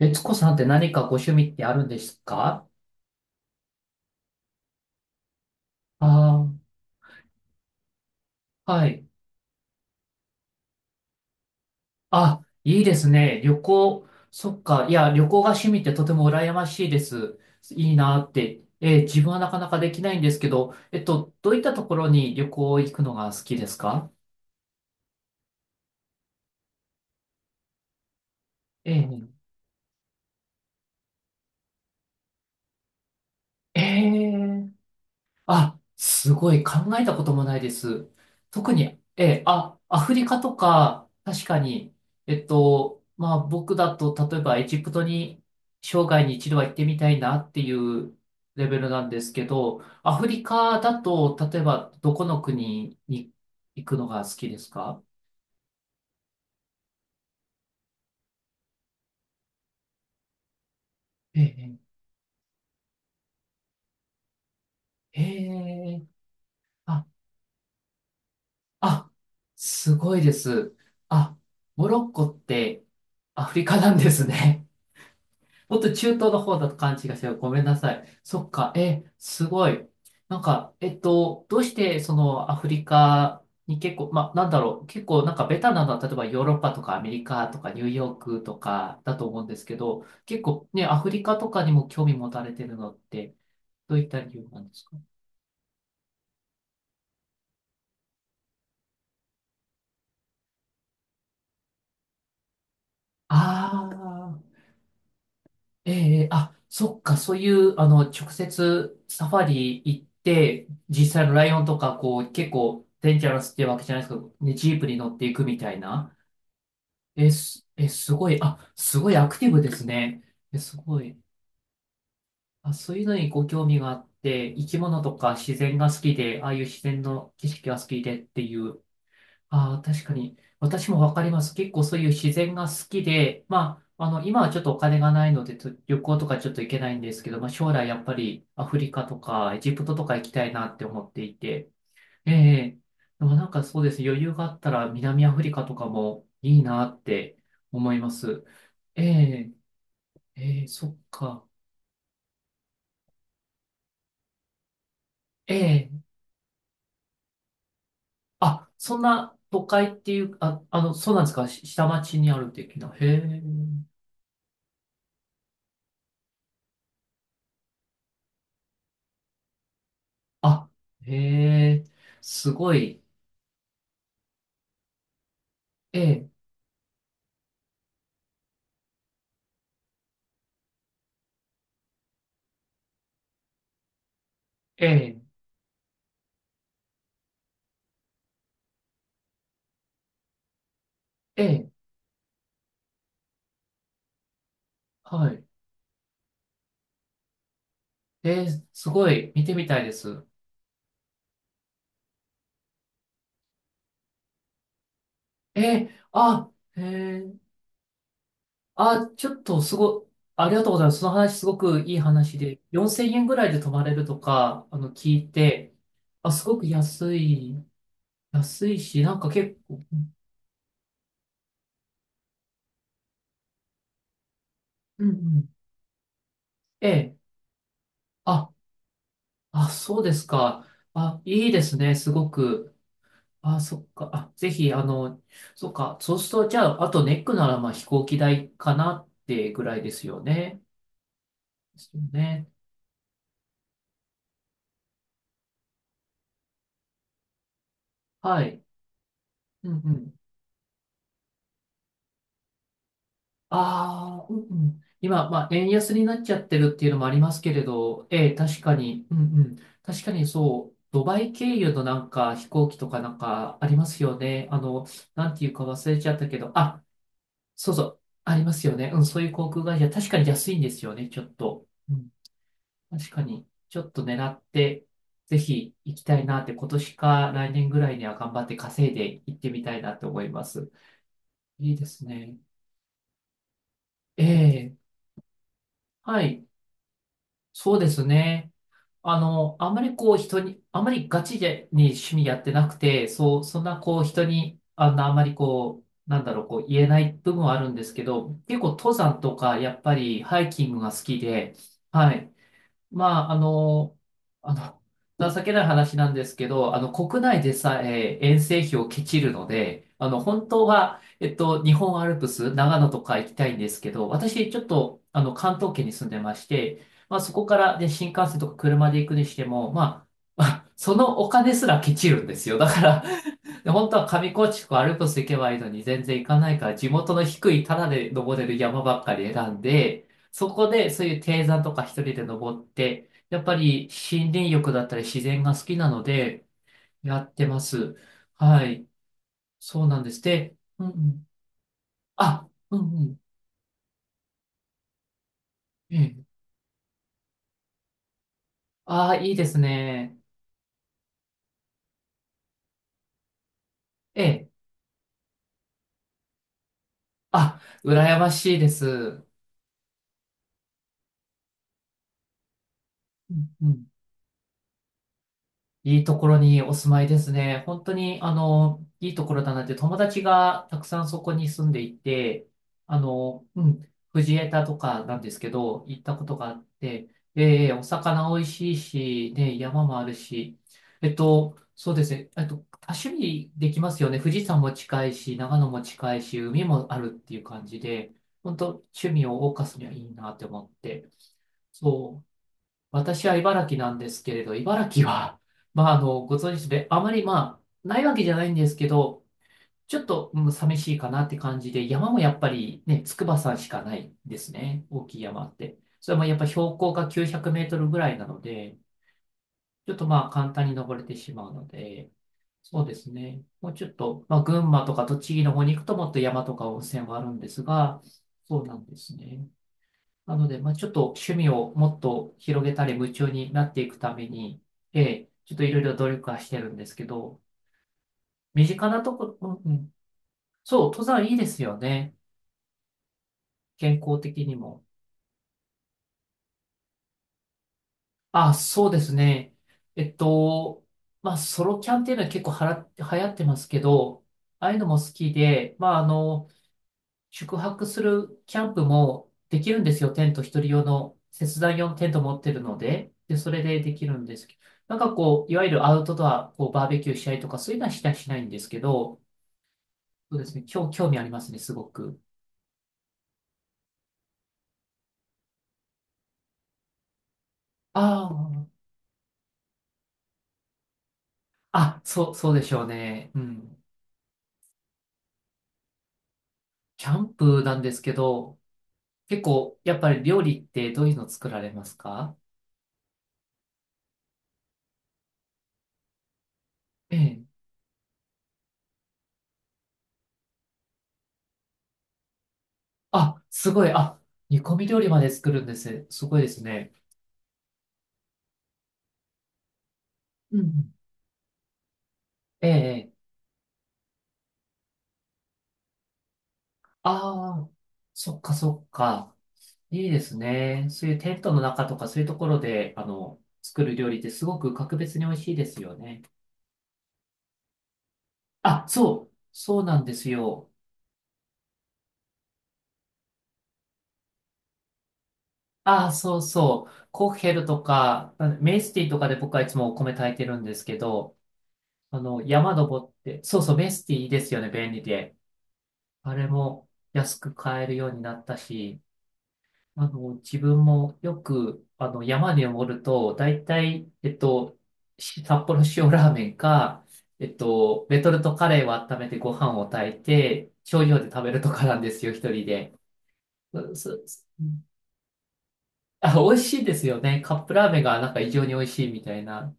えつこさんって何かご趣味ってあるんですか？ああー、はい。あ、いいですね。旅行、そっか。いや、旅行が趣味ってとても羨ましいです。いいなって。自分はなかなかできないんですけど、どういったところに旅行行くのが好きですか？えー、ええ、あ、すごい考えたこともないです。特に、ええ、あ、アフリカとか、確かに、まあ僕だと、例えばエジプトに生涯に一度は行ってみたいなっていうレベルなんですけど、アフリカだと、例えばどこの国に行くのが好きですか？ええ、ええ、あ、あ、すごいです。あ、モロッコってアフリカなんですね。もっと中東の方だと勘違いしてる。ごめんなさい。そっか。え、すごい。なんか、どうしてそのアフリカに結構、まあ、なんだろう。結構なんかベタなのは、例えばヨーロッパとかアメリカとかニューヨークとかだと思うんですけど、結構ね、アフリカとかにも興味持たれてるのって、どういった理由なんですか？あ、ええ、あ、そっか、そういう、あの、直接サファリ行って、実際のライオンとか、こう、結構、デンジャラスってわけじゃないですけど、ね、ジープに乗っていくみたいな。え、す、え、すごい、あ、すごいアクティブですね。え、すごい。あ、そういうのにご興味があって、生き物とか自然が好きで、ああいう自然の景色が好きでっていう、ああ、確かに。私もわかります。結構そういう自然が好きで、まあ、あの、今はちょっとお金がないので、と旅行とかちょっと行けないんですけど、まあ、将来やっぱりアフリカとかエジプトとか行きたいなって思っていて、ええ、でもなんかそうです。余裕があったら南アフリカとかもいいなって思います。ええ、ええ、そっか。ええ、あ、そんな都会っていう、あ、あの、そうなんですか。し下町にある的な。へえ。あ、へえ、すごい。ええ、ええ、ええ、はい。ええ、すごい。見てみたいです。ええ、あ、へえ、あ、ちょっとすご、ありがとうございます。その話すごくいい話で、4000円ぐらいで泊まれるとか、あの、聞いて、あ、すごく安い、安いし、なんか結構、うんうん。ええ、あ、あ、そうですか。あ、いいですね、すごく。あ、そっか。あ、ぜひ、あの、そっか。そうすると、じゃあ、あとネックなら、まあ、飛行機代かなってぐらいですよね。ですよね。はい。うんうん。ああ、うんうん。今、まあ、円安になっちゃってるっていうのもありますけれど、ええ、確かに、うんうん。確かにそう、ドバイ経由のなんか飛行機とかなんかありますよね。あの、なんていうか忘れちゃったけど、あ、そうそう、ありますよね。うん、そういう航空会社、確かに安いんですよね、ちょっと。確かに、ちょっと狙って、ぜひ行きたいなって、今年か来年ぐらいには頑張って稼いで行ってみたいなって思います。いいですね。ええ、はい、そうですね。あの、あんまりこう人に、あんまりガチでに趣味やってなくて、そう、そんなこう人に、あの、あんまりこう、なんだろう、こう言えない部分はあるんですけど、結構登山とか、やっぱりハイキングが好きで、はい。まあ、あの、あの、情けない話なんですけど、あの、国内でさえ遠征費をケチるので、あの、本当は、日本アルプス、長野とか行きたいんですけど、私、ちょっと、あの、関東圏に住んでまして、まあ、そこからね、新幹線とか車で行くにしても、まあ、そのお金すらケチるんですよ。だから、で本当は上高地とかアルプス行けばいいのに全然行かないから地元の低いタダで登れる山ばっかり選んで、そこでそういう低山とか一人で登って、やっぱり森林浴だったり自然が好きなのでやってます。はい。そうなんです。で、うんうん。あ、うんうん。ええ。ああ、いいですね。ええ。あ、羨ましいです。うんうん、いいところにお住まいですね。本当に、あの、いいところだなって、友達がたくさんそこに住んでいて、あの、うん、藤枝とかなんですけど、行ったことがあって、で、お魚美味しいし、ね、山もあるし、そうですね、多趣味できますよね。富士山も近いし、長野も近いし、海もあるっていう感じで、本当趣味を謳歌すにはいいなって思って。そう。私は茨城なんですけれど、茨城は、まあ、あの、ご存知で、あまり、まあ、ないわけじゃないんですけど、ちょっと、うん、寂しいかなって感じで、山もやっぱりね、筑波山しかないですね。大きい山って。それもやっぱ標高が900メートルぐらいなので、ちょっとまあ、簡単に登れてしまうので、そうですね。もうちょっと、まあ、群馬とか栃木の方に行くともっと山とか温泉はあるんですが、そうなんですね。なので、まあ、ちょっと趣味をもっと広げたり夢中になっていくために、ええ、ちょっといろいろ努力はしてるんですけど、身近なとこ、うんうん、そう、登山いいですよね。健康的にも。あ、そうですね。えっと、まあ、ソロキャンっていうのは結構はら、流行ってますけど、ああいうのも好きで、まあ、あの、宿泊するキャンプもできるんですよ。テント、一人用の、切断用のテント持ってるので、で、それでできるんですけど、なんかこう、いわゆるアウトドア、こう、バーベキューしたりとか、そういうのはしたりしないんですけど、そうですね、興興味ありますね、すごく。ああ、あ、そう、そうでしょうね。うん。キャンプなんですけど、結構、やっぱり料理ってどういうの作られますか？ええ。あ、すごい。あ、煮込み料理まで作るんです。すごいですね。うんうん。ええ。え、ああ、そっかそっか。いいですね。そういうテントの中とかそういうところで、あの、作る料理ってすごく格別に美味しいですよね。あ、そう、そうなんですよ。ああ、そうそう。コッヘルとか、あのメスティとかで僕はいつもお米炊いてるんですけど、あの、山登って、そうそう、メスティいいですよね、便利で。あれも安く買えるようになったし、あの、自分もよく、あの、山に登ると、大体、し札幌塩ラーメンか、レトルトカレーを温めてご飯を炊いて、少量で食べるとかなんですよ、一人で。うすす、あ、美味しいですよね。カップラーメンがなんか異常に美味しいみたいな。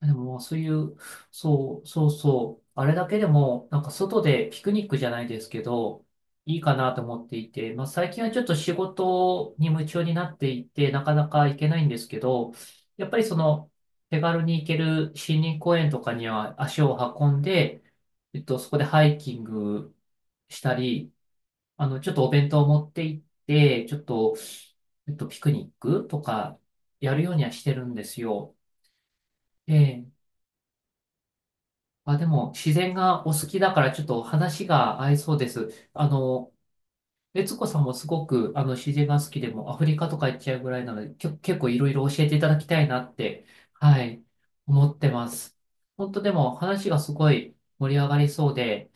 でも、そういう、そう、そうそう、あれだけでも、なんか外でピクニックじゃないですけど、いいかなと思っていて、まあ最近はちょっと仕事に夢中になっていて、なかなか行けないんですけど、やっぱりその、手軽に行ける森林公園とかには足を運んで、そこでハイキングしたり、あの、ちょっとお弁当を持って行って、ちょっと、ピクニックとかやるようにはしてるんですよ。ええ、まあ、でも、自然がお好きだから、ちょっと話が合いそうです。あの、悦子さんもすごく、あの、自然が好きでも、アフリカとか行っちゃうぐらいなので、きょ、結構いろいろ教えていただきたいなって、はい、思ってます。本当でも、話がすごい盛り上がりそうで、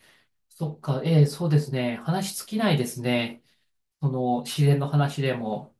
そっか、ええ、そうですね。話尽きないですね。その、自然の話でも。